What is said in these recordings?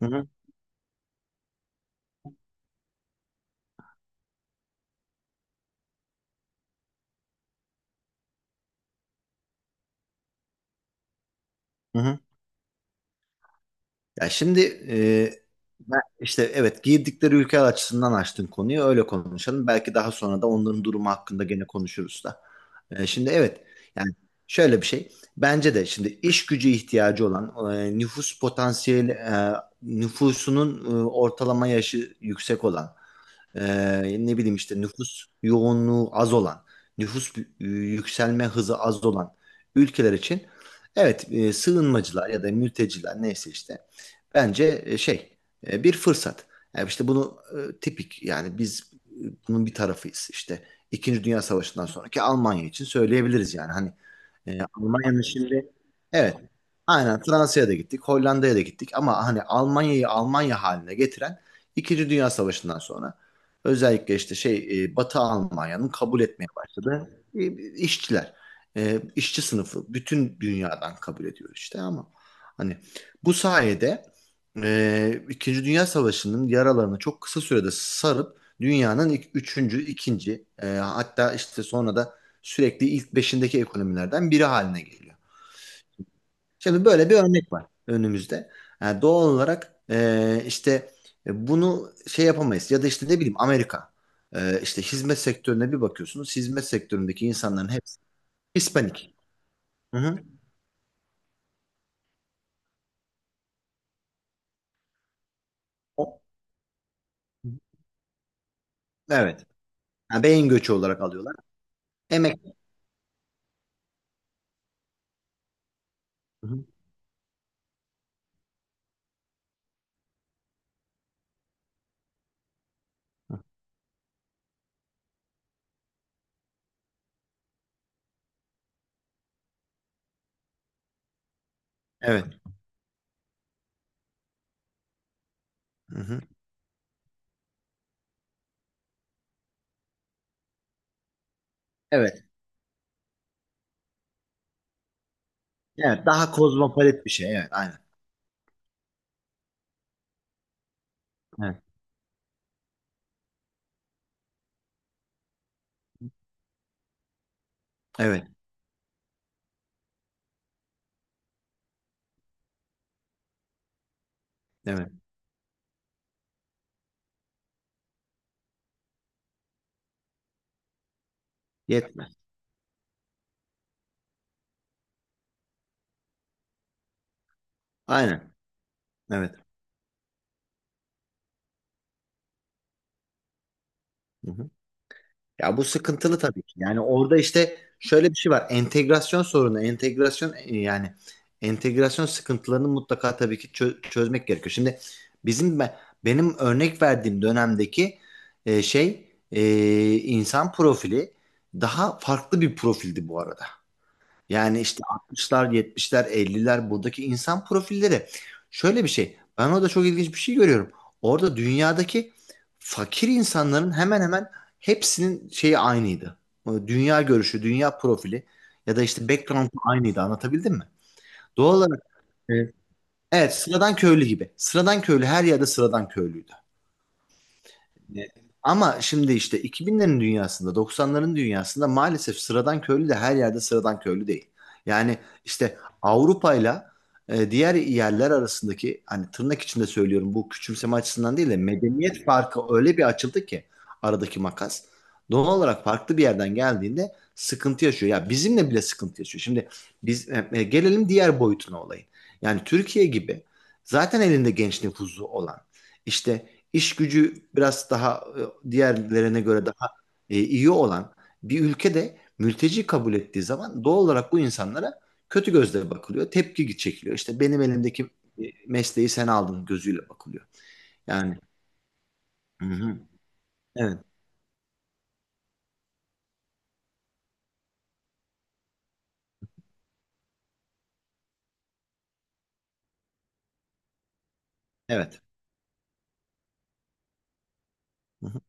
Hı hı, hı hı. Ya şimdi e, ben işte evet girdikleri ülke açısından açtın konuyu öyle konuşalım. Belki daha sonra da onların durumu hakkında gene konuşuruz da. Şimdi evet yani şöyle bir şey. Bence de şimdi iş gücü ihtiyacı olan nüfus potansiyeli nüfusunun ortalama yaşı yüksek olan, ne bileyim işte nüfus yoğunluğu az olan, yükselme hızı az olan ülkeler için evet sığınmacılar ya da mülteciler neyse işte bence bir fırsat. Yani işte bunu tipik yani biz bunun bir tarafıyız işte. İkinci Dünya Savaşı'ndan sonraki Almanya için söyleyebiliriz yani. Hani Almanya'nın şimdi evet aynen Fransa'ya da gittik, Hollanda'ya da gittik ama hani Almanya'yı Almanya haline getiren İkinci Dünya Savaşı'ndan sonra özellikle işte Batı Almanya'nın kabul etmeye başladığı işçiler, işçi sınıfı bütün dünyadan kabul ediyor işte ama hani bu sayede İkinci Dünya Savaşı'nın yaralarını çok kısa sürede sarıp dünyanın ilk, üçüncü, ikinci, hatta işte sonra da sürekli ilk beşindeki ekonomilerden biri haline geliyor. Şimdi böyle bir örnek var önümüzde. Yani doğal olarak işte bunu şey yapamayız ya da işte ne bileyim Amerika. İşte hizmet sektörüne bir bakıyorsunuz. Hizmet sektöründeki insanların hepsi Hispanik. Hı hı. O- Evet. Yani beyin göçü olarak alıyorlar. Emek. Hı hı. Evet. Hı hı. Evet. Evet. Daha kozmopolit bir şey. Evet. Aynen. Evet. Evet. Evet. Yetmez. Aynen. Evet. Hı hı. Ya bu sıkıntılı tabii ki. Yani orada işte şöyle bir şey var. Entegrasyon sorunu, entegrasyon yani entegrasyon sıkıntılarını mutlaka tabii ki çözmek gerekiyor. Şimdi bizim be- benim örnek verdiğim dönemdeki e, şey e, insan profili daha farklı bir profildi bu arada. Yani işte 60'lar, 70'ler, 50'ler buradaki insan profilleri. Şöyle bir şey. Ben orada çok ilginç bir şey görüyorum. Orada dünyadaki fakir insanların hemen hemen hepsinin şeyi aynıydı. O dünya görüşü, dünya profili ya da işte background aynıydı. Anlatabildim mi? Doğal olarak e, evet, sıradan köylü gibi. Sıradan köylü her yerde sıradan köylüydü. E, Ama şimdi işte 2000'lerin dünyasında, 90'ların dünyasında maalesef sıradan köylü de her yerde sıradan köylü değil. Yani işte Avrupa'yla diğer yerler arasındaki hani tırnak içinde söylüyorum bu küçümseme açısından değil de medeniyet farkı öyle bir açıldı ki aradaki makas. Doğal olarak farklı bir yerden geldiğinde sıkıntı yaşıyor. Ya bizimle bile sıkıntı yaşıyor. Şimdi gelelim diğer boyutuna olayın. Yani Türkiye gibi zaten elinde genç nüfusu olan işte iş gücü biraz daha diğerlerine göre daha iyi olan bir ülkede mülteci kabul ettiği zaman doğal olarak bu insanlara kötü gözle bakılıyor. Tepki çekiliyor. İşte benim elimdeki e, mesleği sen aldın gözüyle bakılıyor. Yani hı hı, evet, evet. Hı hı.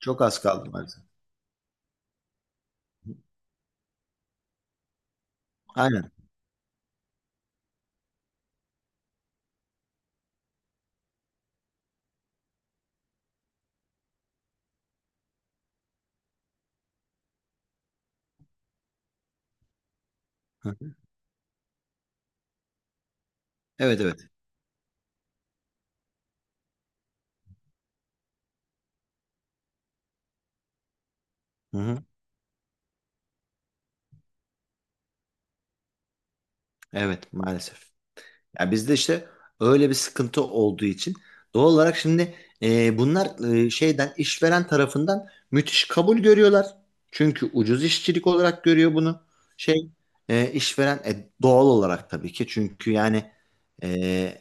Çok az kaldı maalesef. Aynen. Hı hı. Evet, evet. Hı hı. Evet, maalesef. Ya bizde işte öyle bir sıkıntı olduğu için doğal olarak şimdi bunlar şeyden işveren tarafından müthiş kabul görüyorlar. Çünkü ucuz işçilik olarak görüyor bunu. Şey işveren doğal olarak tabii ki çünkü yani e,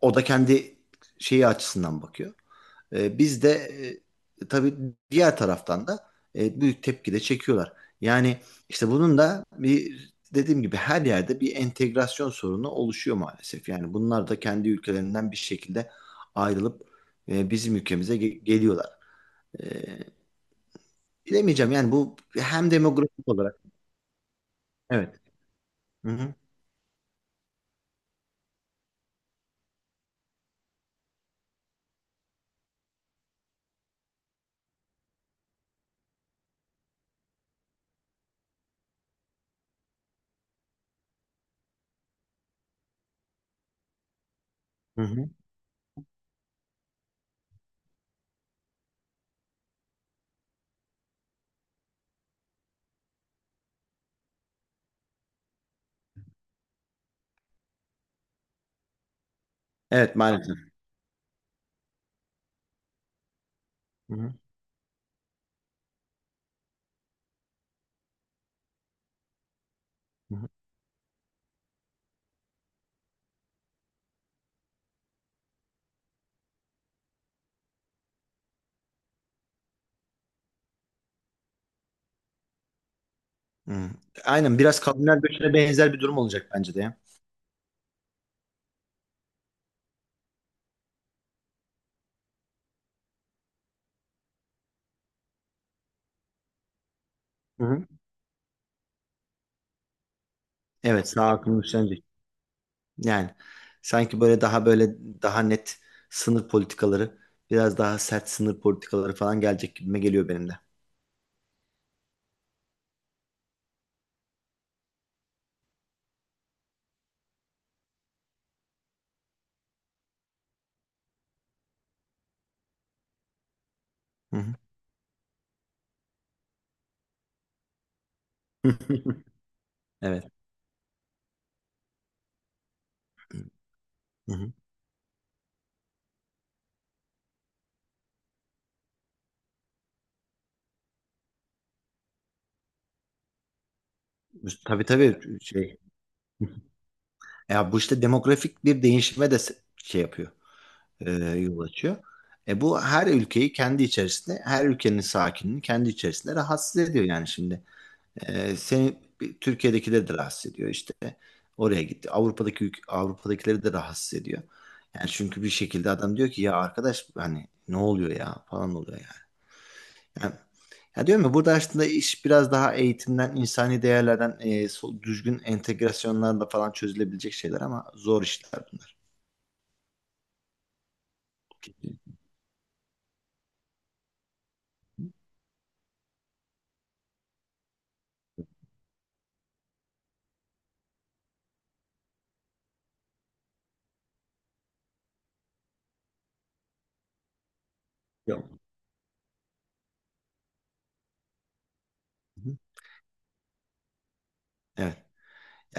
o da kendi şeyi açısından bakıyor. Biz de tabii diğer taraftan da büyük tepki de çekiyorlar. Yani işte bunun da bir dediğim gibi her yerde bir entegrasyon sorunu oluşuyor maalesef. Yani bunlar da kendi ülkelerinden bir şekilde ayrılıp bizim ülkemize geliyorlar. E, Bilemeyeceğim yani bu hem demografik olarak evet. Hı hı, hı hı. Evet maalesef. Hı hı, hı hı. Aynen biraz kavimler göçüne benzer bir durum olacak bence de ya. Hı hı. Evet sağ aklım. Yani sanki böyle daha böyle daha net sınır politikaları, biraz daha sert sınır politikaları falan gelecek gibime geliyor benim de. Hı hı. Evet. Hı hı. Tabii tabii şey. Ya bu işte demografik bir değişime de şey yapıyor, yol açıyor. E bu her ülkeyi kendi içerisinde, her ülkenin sakinini kendi içerisinde rahatsız ediyor yani şimdi. Türkiye'dekileri de rahatsız ediyor işte. Oraya gitti. Avrupa'dakileri de rahatsız ediyor. Yani çünkü bir şekilde adam diyor ki ya arkadaş hani ne oluyor ya falan oluyor yani. Yani ya diyorum ya burada aslında iş biraz daha eğitimden, insani değerlerden, düzgün entegrasyonlarla falan çözülebilecek şeyler ama zor işler bunlar. Yok. Hı hı. Evet.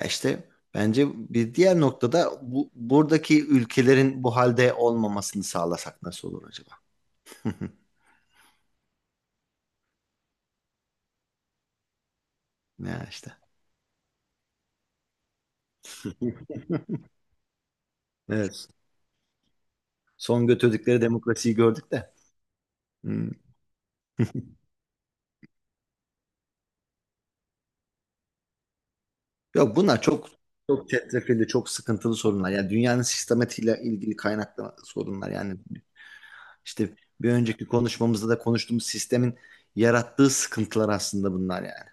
Ya işte bence bir diğer noktada bu, buradaki ülkelerin bu halde olmamasını sağlasak nasıl olur acaba? Ya işte. Evet. Son götürdükleri demokrasiyi gördük de. Hmm. Yok bunlar çok çetrefilli, çok sıkıntılı sorunlar. Yani dünyanın sistematiğiyle ilgili kaynaklı sorunlar. Yani işte bir önceki konuşmamızda da konuştuğumuz sistemin yarattığı sıkıntılar aslında bunlar yani.